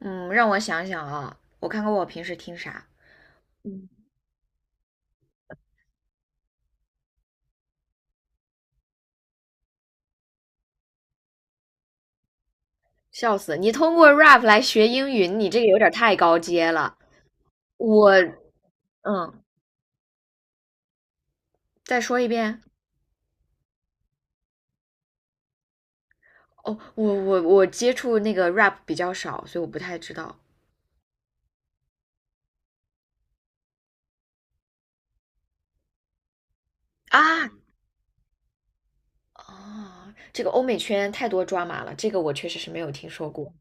嗯，让我想想啊，我看看我平时听啥，笑死！你通过 rap 来学英语，你这个有点太高阶了。我，嗯，再说一遍。哦，我接触那个 rap 比较少，所以我不太知道啊。哦，这个欧美圈太多抓马了，这个我确实是没有听说过。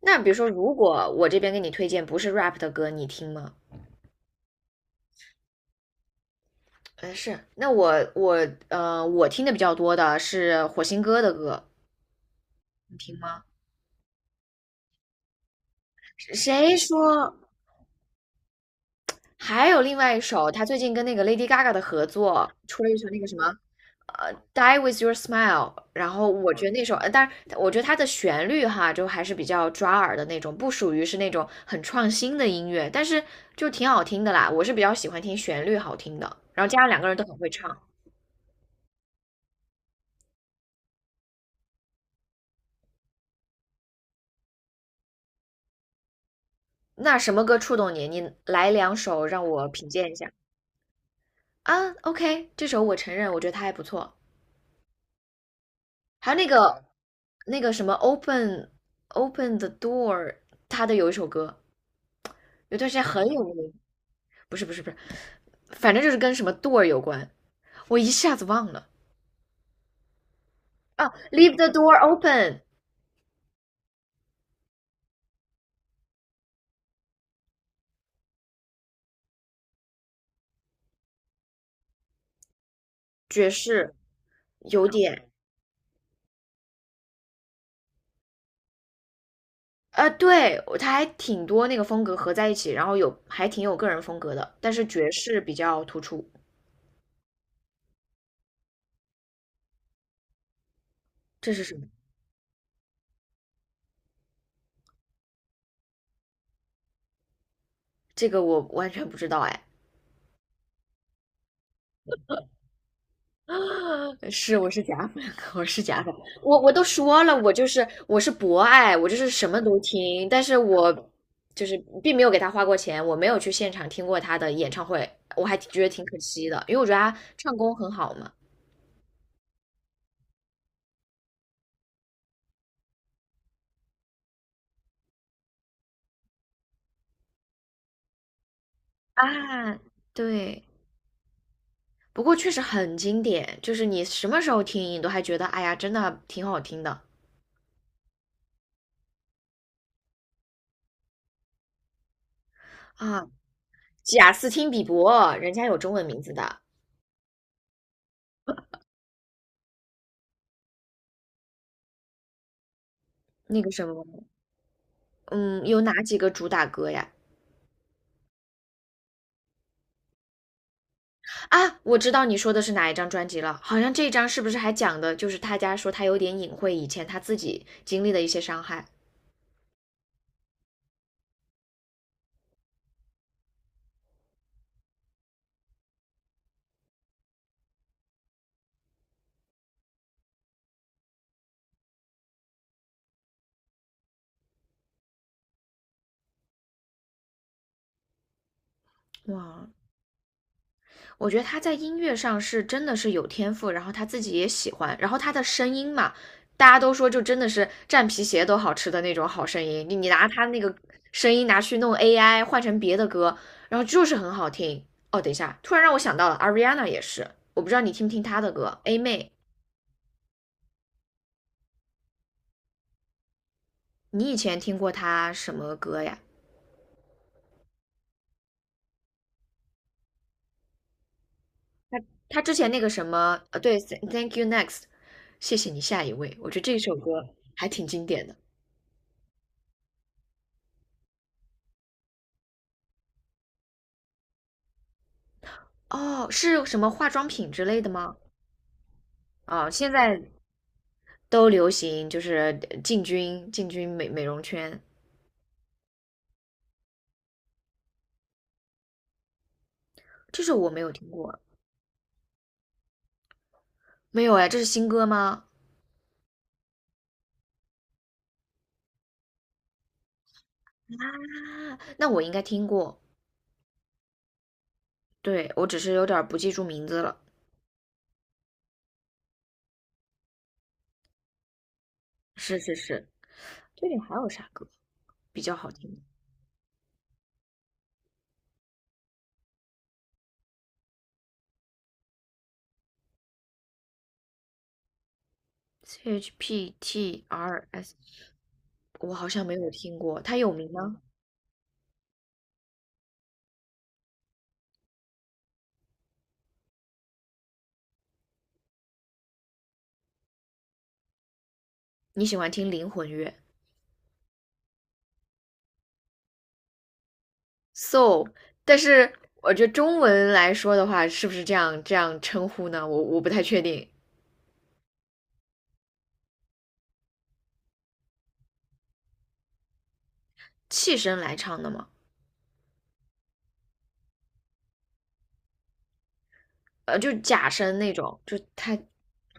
那比如说，如果我这边给你推荐不是 rap 的歌，你听吗？嗯，是。那我我听的比较多的是火星哥的歌，你听吗？谁说？还有另外一首，他最近跟那个 Lady Gaga 的合作，出了一首那个什么，Die with Your Smile。然后我觉得那首，但是我觉得它的旋律哈，就还是比较抓耳的那种，不属于是那种很创新的音乐，但是就挺好听的啦。我是比较喜欢听旋律好听的，然后加上两个人都很会唱。那什么歌触动你？你来两首让我品鉴一下啊。OK，这首我承认，我觉得它还不错。还有那个什么 Open the Door，他的有一首歌，有段时间很有名，不是不是不是，反正就是跟什么 door 有关，我一下子忘了啊。Leave the door open，爵士有点啊，对，他还挺多那个风格合在一起，然后有还挺有个人风格的，但是爵士比较突出。这是什么？这个我完全不知道哎。是，我是假粉，我是假粉，我都说了，我就是我是博爱，我就是什么都听，但是我就是并没有给他花过钱，我没有去现场听过他的演唱会，我还觉得挺可惜的，因为我觉得他唱功很好嘛。啊，对，不过确实很经典，就是你什么时候听，你都还觉得哎呀，真的挺好听的啊。贾斯汀比伯，人家有中文名字的，那个什么，嗯，有哪几个主打歌呀？啊，我知道你说的是哪一张专辑了，好像这张是不是还讲的就是他家说他有点隐晦以前他自己经历的一些伤害。哇，我觉得他在音乐上是真的是有天赋，然后他自己也喜欢，然后他的声音嘛，大家都说就真的是蘸皮鞋都好吃的那种好声音，你拿他那个声音拿去弄 AI 换成别的歌，然后就是很好听。哦，等一下，突然让我想到了 Ariana 也是，我不知道你听不听她的歌，A 妹，你以前听过她什么歌呀？他他之前那个什么，对，Thank You Next，谢谢你下一位，我觉得这首歌还挺经典的。哦，是什么化妆品之类的吗？哦，现在都流行就是进军美容圈，这首我没有听过，没有哎，这是新歌吗？啊，那我应该听过，对，我只是有点儿不记住名字了。是是是，最近还有啥歌比较好听？CHPTRS，我好像没有听过，它有名吗？你喜欢听灵魂乐？so，但是我觉得中文来说的话，是不是这样称呼呢？我不太确定，气声来唱的嘛，就假声那种，就他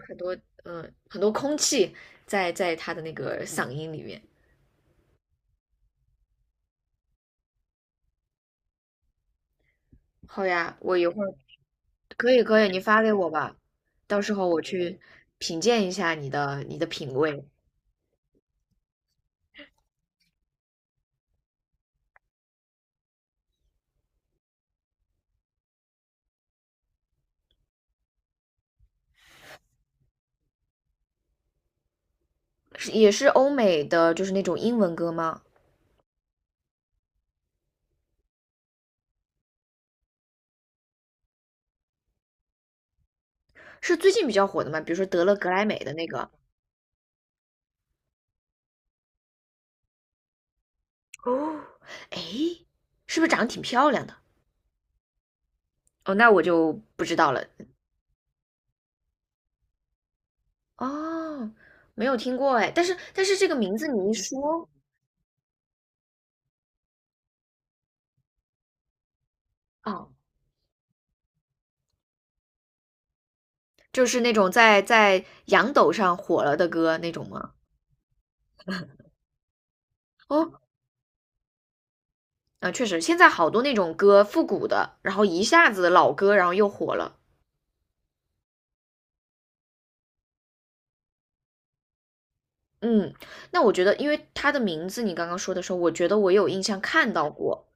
很多空气在他的那个嗓音里面。好呀，我一会儿可以可以，你发给我吧，到时候我去品鉴一下你的品味。是也是欧美的，就是那种英文歌吗？是最近比较火的吗？比如说得了格莱美的那个哦，哎，是不是长得挺漂亮的？哦，那我就不知道了。哦，没有听过哎，但是这个名字你一说，哦，就是那种在洋抖上火了的歌那种吗？哦，啊，确实，现在好多那种歌复古的，然后一下子老歌，然后又火了。嗯，那我觉得，因为他的名字你刚刚说的时候，我觉得我有印象看到过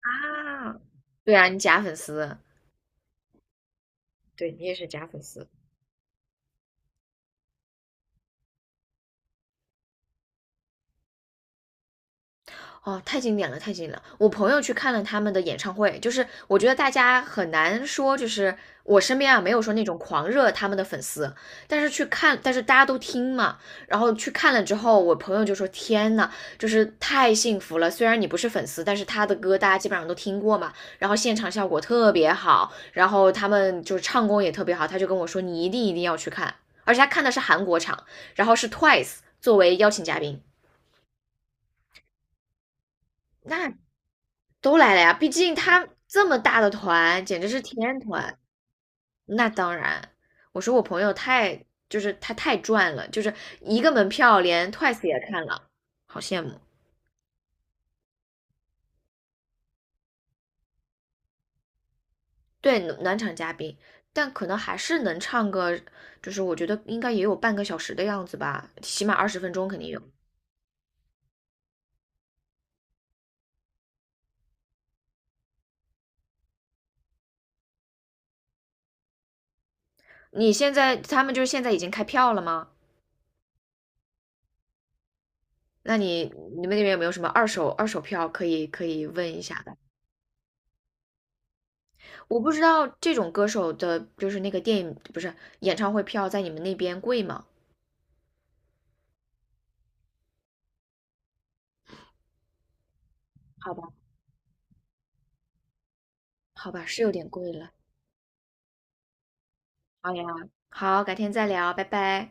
啊。对啊，你假粉丝，对你也是假粉丝。哦，太经典了，太经典了！我朋友去看了他们的演唱会，就是我觉得大家很难说，就是我身边啊没有说那种狂热他们的粉丝，但是去看，但是大家都听嘛，然后去看了之后，我朋友就说：天呐，就是太幸福了！虽然你不是粉丝，但是他的歌大家基本上都听过嘛，然后现场效果特别好，然后他们就是唱功也特别好，他就跟我说你一定一定要去看，而且他看的是韩国场，然后是 Twice 作为邀请嘉宾，那都来了呀，毕竟他这么大的团，简直是天团。那当然，我说我朋友太，就是他太赚了，就是一个门票连 Twice 也看了，好羡慕。对，暖场嘉宾，但可能还是能唱个，就是我觉得应该也有半个小时的样子吧，起码20分钟肯定有。你现在他们就是现在已经开票了吗？那你们那边有没有什么二手票可以问一下的？我不知道这种歌手的，就是那个电影，不是，演唱会票在你们那边贵吗？好吧，好吧，是有点贵了。好呀，好，改天再聊，拜拜。